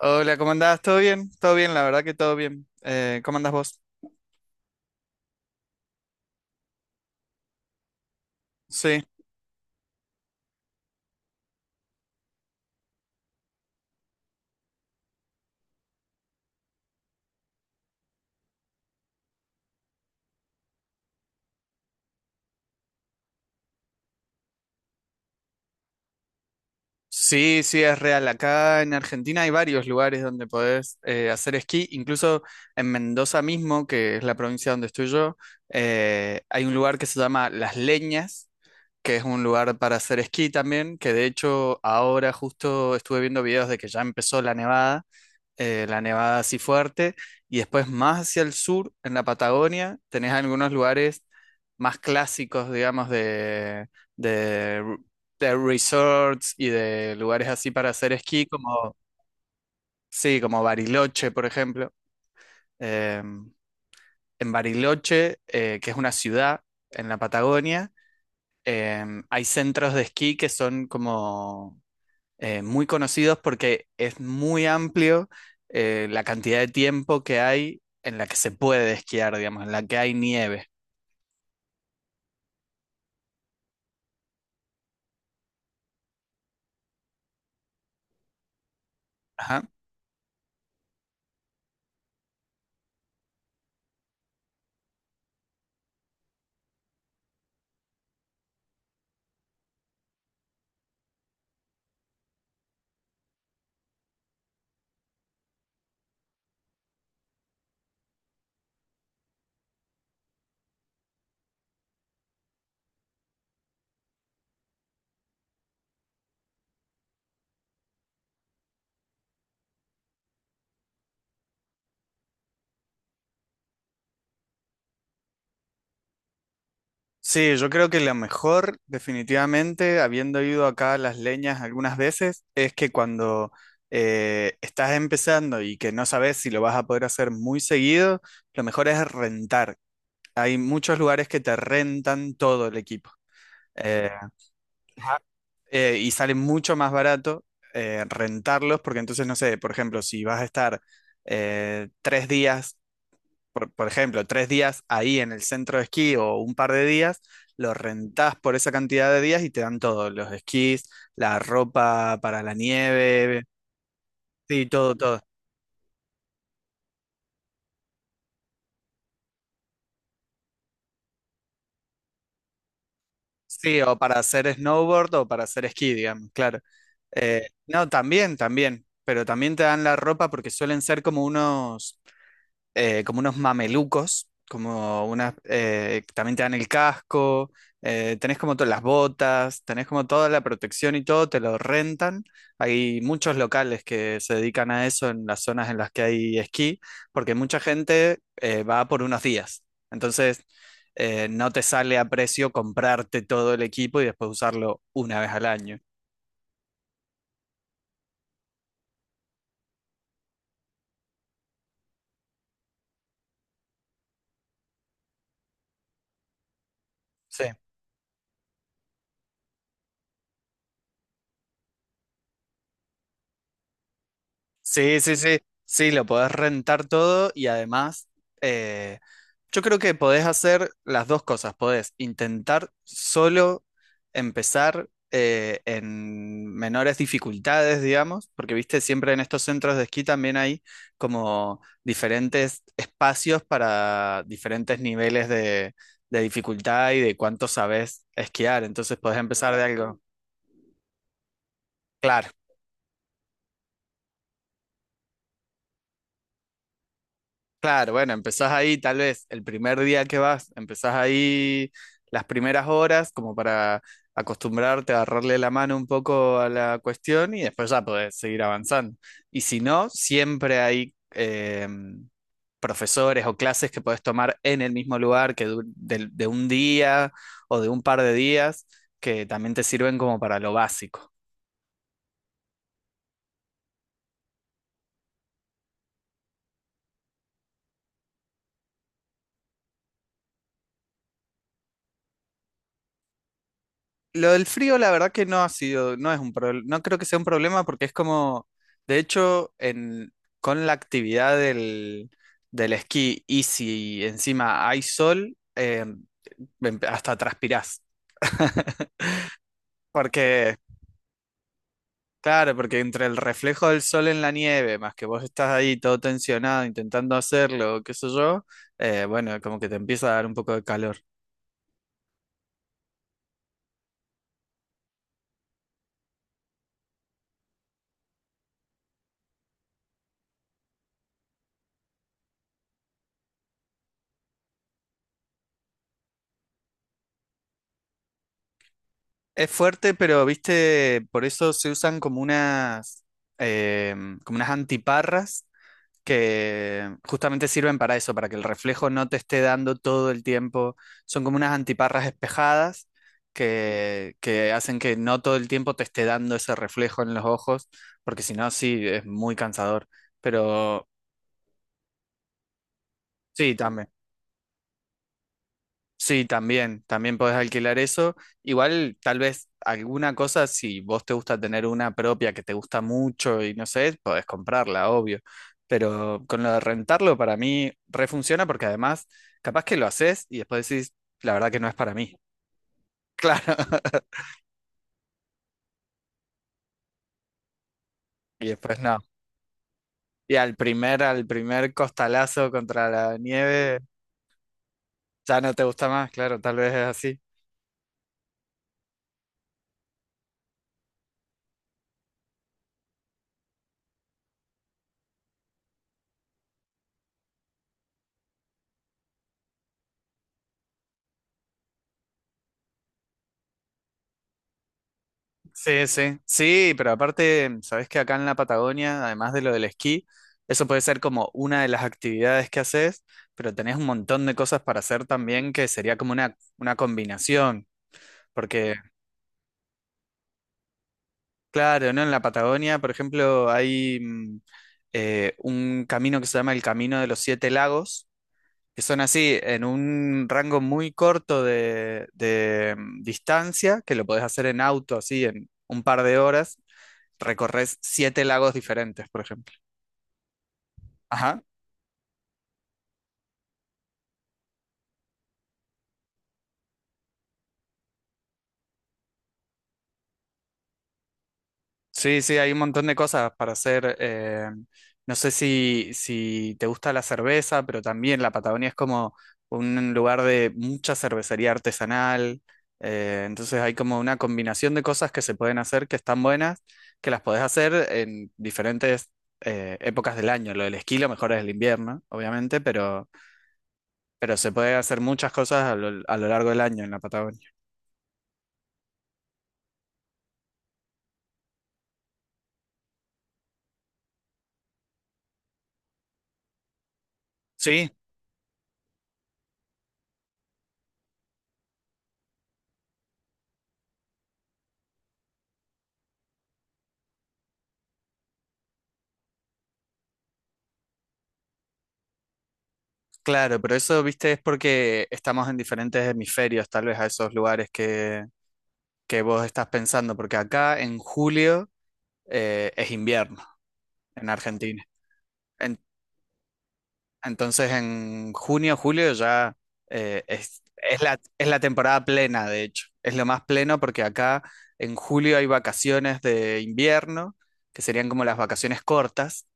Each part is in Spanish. Hola, ¿cómo andás? ¿Todo bien? Todo bien, la verdad que todo bien. ¿Cómo andás vos? Sí, sí, sí, es real. Acá en Argentina hay varios lugares donde podés hacer esquí. Incluso en Mendoza mismo, que es la provincia donde estoy yo, hay un lugar que se llama Las Leñas, que es un lugar para hacer esquí también, que de hecho ahora justo estuve viendo videos de que ya empezó la nevada. La nevada así fuerte, y después más hacia el sur, en la Patagonia, tenés algunos lugares más clásicos, digamos, de, de resorts y de lugares así para hacer esquí, como, sí, como Bariloche, por ejemplo. Eh, en Bariloche, que es una ciudad en la Patagonia, hay centros de esquí que son como muy conocidos porque es muy amplio la cantidad de tiempo que hay en la que se puede esquiar, digamos, en la que hay nieve. Ajá. Sí, yo creo que lo mejor, definitivamente, habiendo ido acá a Las Leñas algunas veces, es que cuando estás empezando y que no sabes si lo vas a poder hacer muy seguido, lo mejor es rentar. Hay muchos lugares que te rentan todo el equipo. Eh, y sale mucho más barato rentarlos, porque entonces, no sé, por ejemplo, si vas a estar tres días, por ejemplo, tres días ahí en el centro de esquí o un par de días, lo rentás por esa cantidad de días y te dan todo, los esquís, la ropa para la nieve, sí, todo, todo. Sí, o para hacer snowboard o para hacer esquí, digamos, claro. No, también, también, pero también te dan la ropa porque suelen ser como unos mamelucos, como unas, también te dan el casco, tenés como todas las botas, tenés como toda la protección y todo, te lo rentan. Hay muchos locales que se dedican a eso en las zonas en las que hay esquí, porque mucha gente va por unos días. Entonces, no te sale a precio comprarte todo el equipo y después usarlo una vez al año. Sí. Sí, sí, sí, sí, lo podés rentar todo y además eh, yo creo que podés hacer las dos cosas, podés intentar solo empezar en menores dificultades, digamos, porque viste, siempre en estos centros de esquí también hay como diferentes espacios para diferentes niveles de dificultad y de cuánto sabés esquiar, entonces podés empezar de Claro. Algo, claro, claro, bueno, empezás ahí tal vez el primer día que vas, empezás ahí las primeras horas como para acostumbrarte a agarrarle la mano un poco a la cuestión y después ya podés seguir avanzando. Y si no, siempre hay profesores o clases que podés tomar en el mismo lugar que un día o de un par de días que también te sirven como para lo básico. Lo del frío, la verdad que no ha sido, no es un problema, no creo que sea un problema porque es como, de hecho, en, con la actividad del, del esquí y si encima hay sol, hasta transpirás. Porque, claro, porque entre el reflejo del sol en la nieve, más que vos estás ahí todo tensionado intentando hacerlo, qué sé yo, bueno, como que te empieza a dar un poco de calor. Es fuerte, pero viste, por eso se usan como unas, como unas antiparras que justamente sirven para eso, para que el reflejo no te esté dando todo el tiempo. Son como unas antiparras espejadas que hacen que no todo el tiempo te esté dando ese reflejo en los ojos, porque si no, sí, es muy cansador. Pero sí, también. Sí, también, también podés alquilar eso. Igual, tal vez alguna cosa, si vos te gusta tener una propia que te gusta mucho y no sé, podés comprarla, obvio. Pero con lo de rentarlo, para mí refunciona porque además, capaz que lo haces y después decís, la verdad que no es para mí. Claro. Y después no. Y al primer costalazo contra la nieve, ya no te gusta más, claro, tal vez es así. Sí, sí, sí, pero aparte, sabes que acá en la Patagonia, además de lo del esquí, eso puede ser como una de las actividades que haces, pero tenés un montón de cosas para hacer también que sería como una combinación, porque claro, ¿no? En la Patagonia, por ejemplo, hay un camino que se llama el Camino de los Siete Lagos, que son así, en un rango muy corto de distancia, que lo podés hacer en auto, así, en un par de horas recorres siete lagos diferentes, por ejemplo. Ajá. Sí, sí, hay un montón de cosas para hacer. No sé si, si te gusta la cerveza, pero también la Patagonia es como un lugar de mucha cervecería artesanal. Entonces hay como una combinación de cosas que se pueden hacer que están buenas, que las podés hacer en diferentes épocas del año. Lo del esquí lo mejor es el invierno, obviamente, pero se puede hacer muchas cosas a lo largo del año en la Patagonia. Sí, claro, pero eso, viste, es porque estamos en diferentes hemisferios, tal vez a esos lugares que vos estás pensando, porque acá en julio es invierno en Argentina. En- entonces en junio, julio ya es la temporada plena, de hecho. Es lo más pleno porque acá en julio hay vacaciones de invierno, que serían como las vacaciones cortas.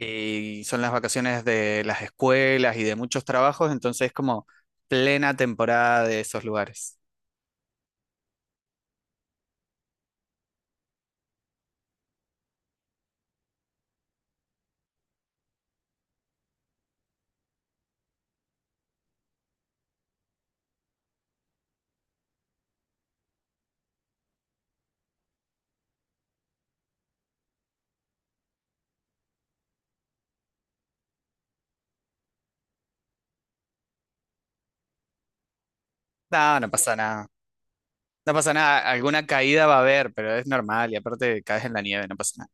Y son las vacaciones de las escuelas y de muchos trabajos, entonces es como plena temporada de esos lugares. No, no pasa nada. No pasa nada. Alguna caída va a haber, pero es normal. Y aparte caes en la nieve, no pasa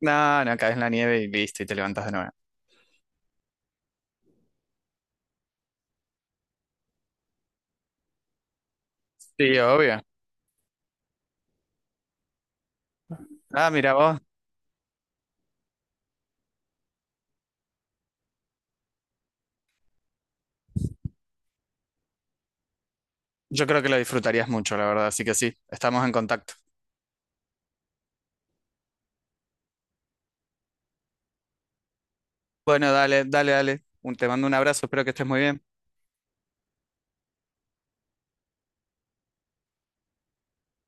nada. No, no, caes en la nieve y listo, y te levantas de nuevo. Sí, obvio. Ah, mira vos. Yo creo que lo disfrutarías mucho, la verdad. Así que sí, estamos en contacto. Bueno, dale, dale, dale. Te mando un abrazo, espero que estés muy bien.